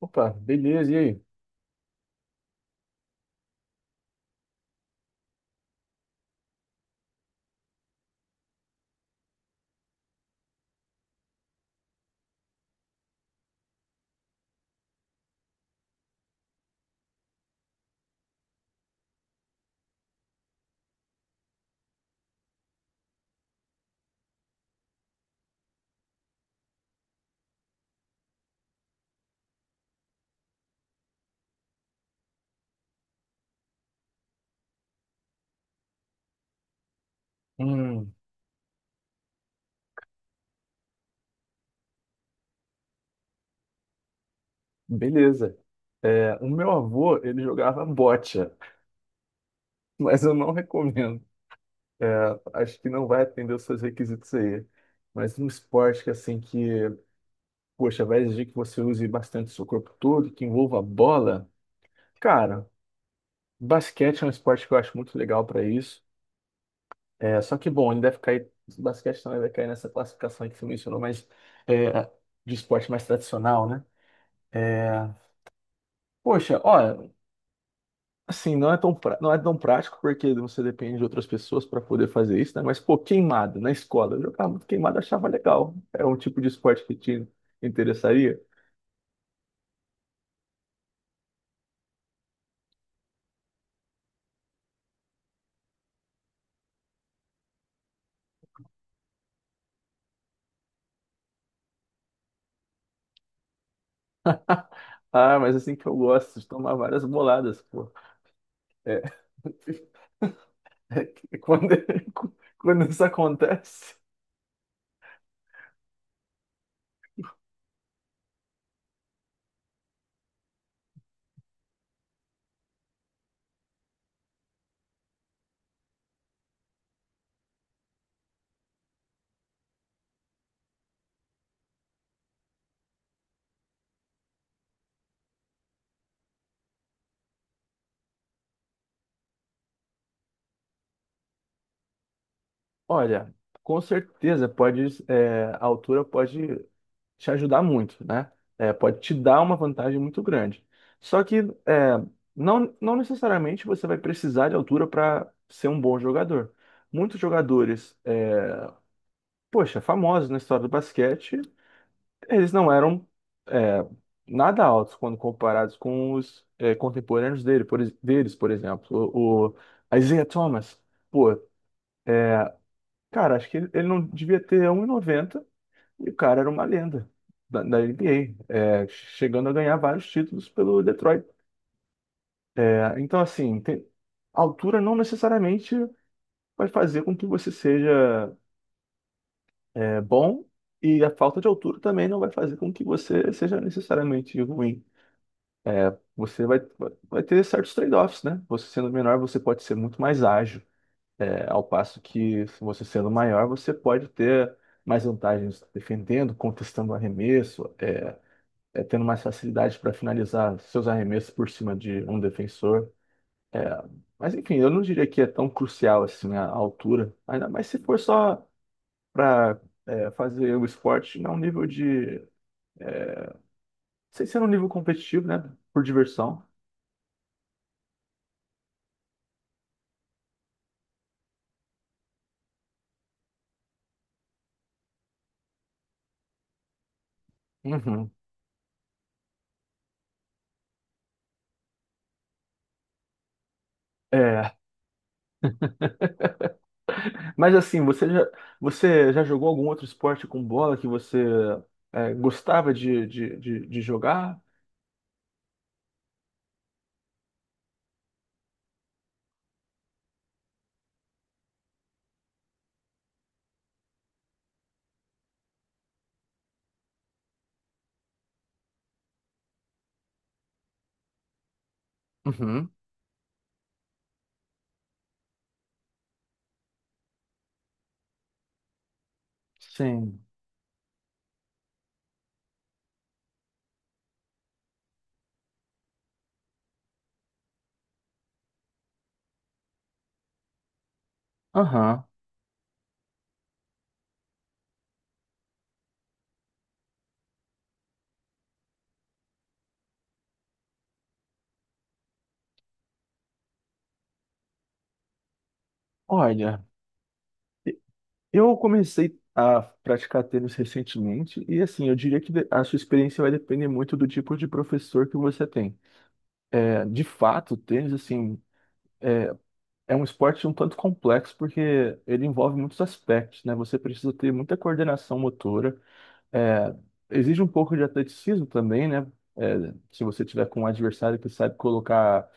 Opa, beleza, e aí? Hum, beleza. O meu avô, ele jogava bocha, mas eu não recomendo. É, Acho que não vai atender os seus requisitos aí. Mas um esporte que, assim, poxa, vai exigir que você use bastante seu corpo todo, que envolva bola. Cara, basquete é um esporte que eu acho muito legal para isso. Só que, bom, ele deve cair, basquete também vai cair nessa classificação aí que você mencionou, mas é, de esporte mais tradicional, né? É, Poxa, olha. Assim, não é tão prático porque você depende de outras pessoas para poder fazer isso, né? Mas, pô, queimada na escola. Eu jogava muito queimada, achava legal. É um tipo de esporte que te interessaria. Ah, mas assim que eu gosto de tomar várias boladas, pô. É. É que quando isso acontece. Olha, com certeza a altura pode te ajudar muito, né? Pode te dar uma vantagem muito grande. Só que é, não necessariamente você vai precisar de altura para ser um bom jogador. Muitos jogadores, poxa, famosos na história do basquete, eles não eram é, nada altos quando comparados com os contemporâneos deles, por exemplo. O Isaiah Thomas, pô, cara, acho que ele não devia ter 1,90. E o cara era uma lenda da NBA, chegando a ganhar vários títulos pelo Detroit. Então, assim, a altura não necessariamente vai fazer com que você seja bom, e a falta de altura também não vai fazer com que você seja necessariamente ruim. Você vai ter certos trade-offs, né? Você sendo menor, você pode ser muito mais ágil, ao passo que você sendo maior, você pode ter mais vantagens defendendo, contestando arremesso. Tendo mais facilidade para finalizar seus arremessos por cima de um defensor. É, mas enfim, eu não diria que é tão crucial assim a altura, ainda mais se for só para fazer o esporte sem ser um nível competitivo, né? Por diversão. Uhum. É, mas assim, você já jogou algum outro esporte com bola que você gostava de jogar? Uhum. Sim. Aham. Olha. Eu comecei a praticar tênis recentemente e assim, eu diria que a sua experiência vai depender muito do tipo de professor que você tem. De fato, o tênis assim é, é um esporte um tanto complexo porque ele envolve muitos aspectos, né? Você precisa ter muita coordenação motora, é, exige um pouco de atleticismo também, né? Se você tiver com um adversário que sabe colocar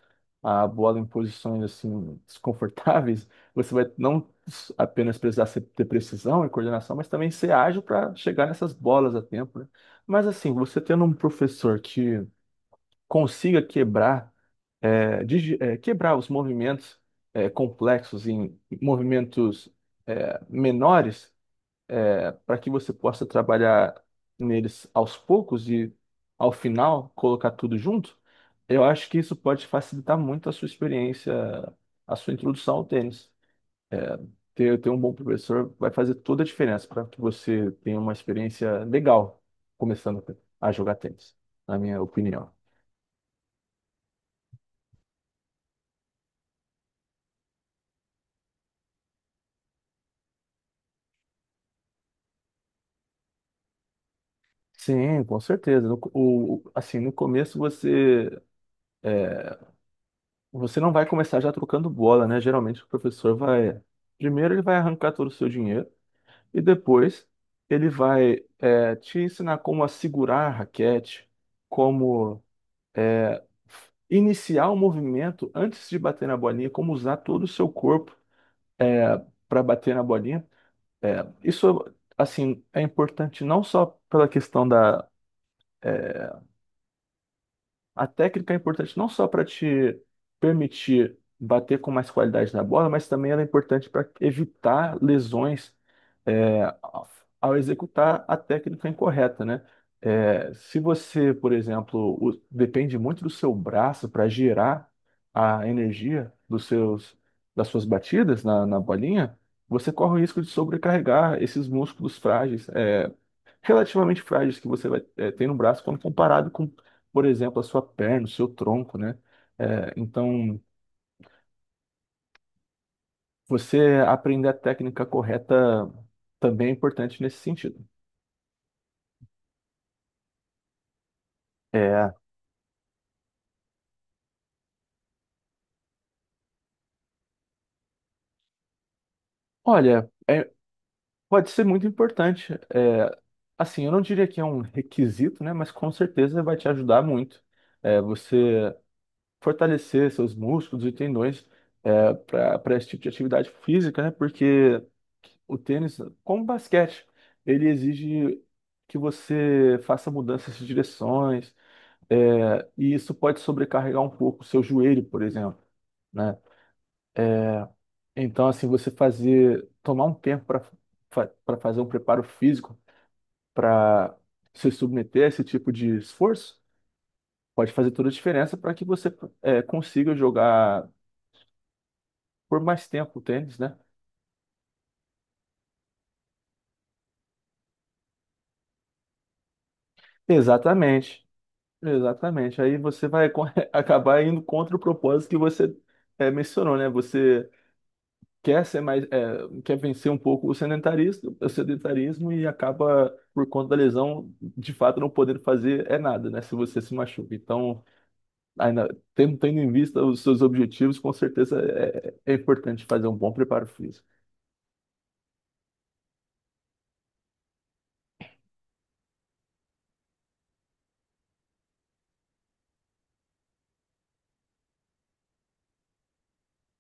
a bola em posições assim desconfortáveis, você vai não apenas precisar ter precisão e coordenação, mas também ser ágil para chegar nessas bolas a tempo, né? Mas assim, você tendo um professor que consiga quebrar os movimentos complexos em movimentos menores para que você possa trabalhar neles aos poucos e ao final colocar tudo junto, eu acho que isso pode facilitar muito a sua experiência, a sua introdução ao tênis. É, ter um bom professor vai fazer toda a diferença para que você tenha uma experiência legal começando a jogar tênis, na minha opinião. Sim, com certeza. No co- o- Assim, no começo você não vai começar já trocando bola, né? Geralmente o professor vai, primeiro ele vai arrancar todo o seu dinheiro. E depois ele vai te ensinar como assegurar a raquete, como é, iniciar o movimento antes de bater na bolinha, como usar todo o seu corpo é, para bater na bolinha. É, isso, é importante não só pela questão da é, A técnica é importante não só para te permitir bater com mais qualidade na bola, mas também ela é importante para evitar lesões é, ao ao executar a técnica incorreta, né? Se você, por exemplo, depende muito do seu braço para gerar a energia das suas batidas na bolinha, você corre o risco de sobrecarregar esses músculos frágeis, relativamente frágeis que você vai ter no braço quando comparado com, por exemplo, a sua perna, o seu tronco, né? Então, você aprender a técnica correta também é importante nesse sentido. É, Olha, pode ser muito importante. Assim, eu não diria que é um requisito, né? Mas com certeza vai te ajudar muito. Você fortalecer seus músculos e tendões para esse tipo de atividade física, né? Porque o tênis, como o basquete, ele exige que você faça mudanças de direções, e isso pode sobrecarregar um pouco o seu joelho, por exemplo, né? Então, assim, você tomar um tempo para fazer um preparo físico, para se submeter a esse tipo de esforço, pode fazer toda a diferença para que você consiga jogar por mais tempo o tênis, né? Exatamente, exatamente. Aí você vai acabar indo contra o propósito que você mencionou, né? Você quer ser mais, eh, quer vencer um pouco o sedentarismo e acaba por conta da lesão, de fato não podendo fazer nada, né? Se você se machuca. Então, ainda tendo em vista os seus objetivos, com certeza é importante fazer um bom preparo físico.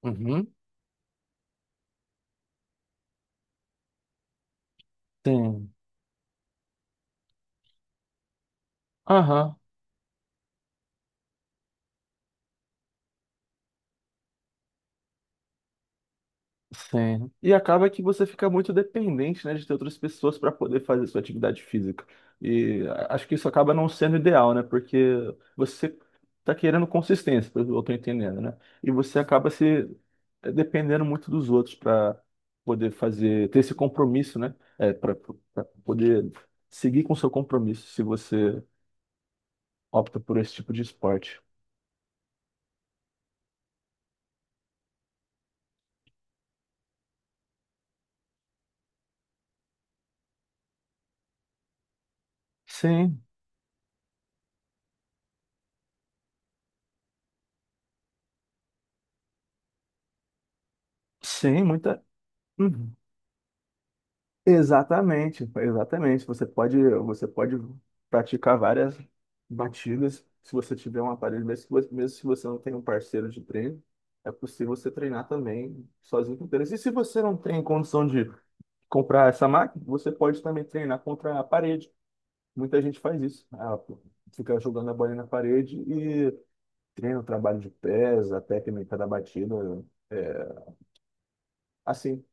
Uhum. Sim. Aham. Sim. E acaba que você fica muito dependente, né, de ter outras pessoas para poder fazer sua atividade física. E acho que isso acaba não sendo ideal, né? Porque você tá querendo consistência, pelo que eu tô entendendo, né? E você acaba se dependendo muito dos outros para poder ter esse compromisso, né? Para poder seguir com seu compromisso se você opta por esse tipo de esporte. Sim, sim, muita. Exatamente, exatamente. Você pode praticar várias batidas se você tiver um aparelho, mesmo se você não tem um parceiro de treino, é possível você treinar também sozinho com tênis. E se você não tem condição de comprar essa máquina, você pode também treinar contra a parede. Muita gente faz isso. Ah, pô, fica jogando a bola na parede e treina o trabalho de pés, a técnica da batida, é, assim.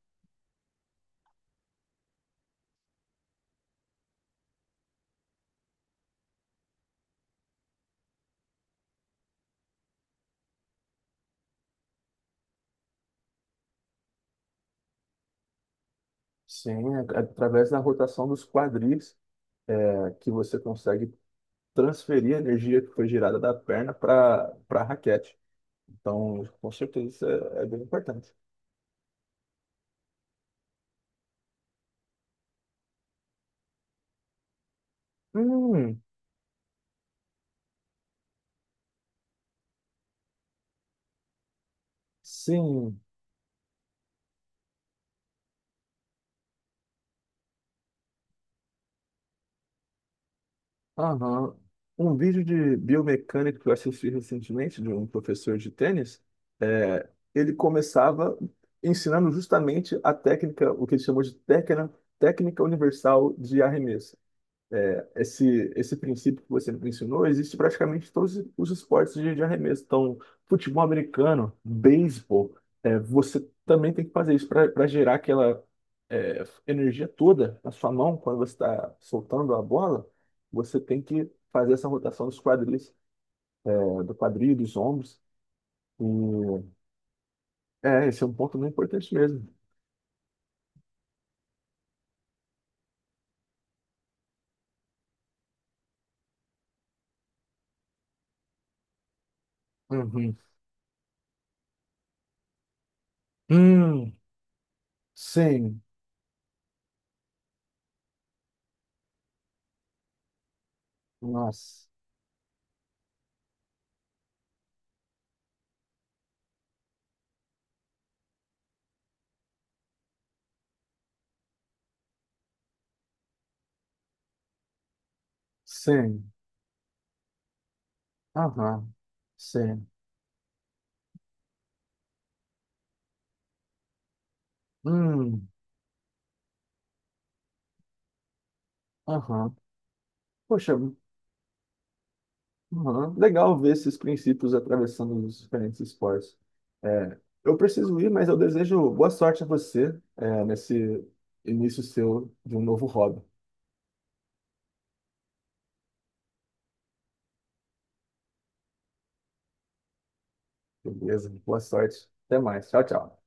Sim, é através da rotação dos quadris que você consegue transferir a energia que foi gerada da perna para a raquete. Então, com certeza isso é bem importante. Hum, sim. Aham. Um vídeo de biomecânica que eu assisti recentemente de um professor de tênis, é, ele começava ensinando justamente a técnica, o que ele chamou de técnica universal de arremesso. Esse princípio que você me ensinou existe praticamente em todos os esportes de arremesso. Então, futebol americano, beisebol, você também tem que fazer isso para gerar aquela energia toda na sua mão quando você está soltando a bola. Você tem que fazer essa rotação dos quadris, do quadril, dos ombros. E esse é um ponto muito importante mesmo. Uhum. Hum, sim. Nossa. Sim. Aham. Sim. Hum. Aham. Poxa, legal ver esses princípios atravessando os diferentes esportes. É, eu preciso ir, mas eu desejo boa sorte a você, nesse início seu de um novo hobby. Beleza? Boa sorte. Até mais. Tchau, tchau.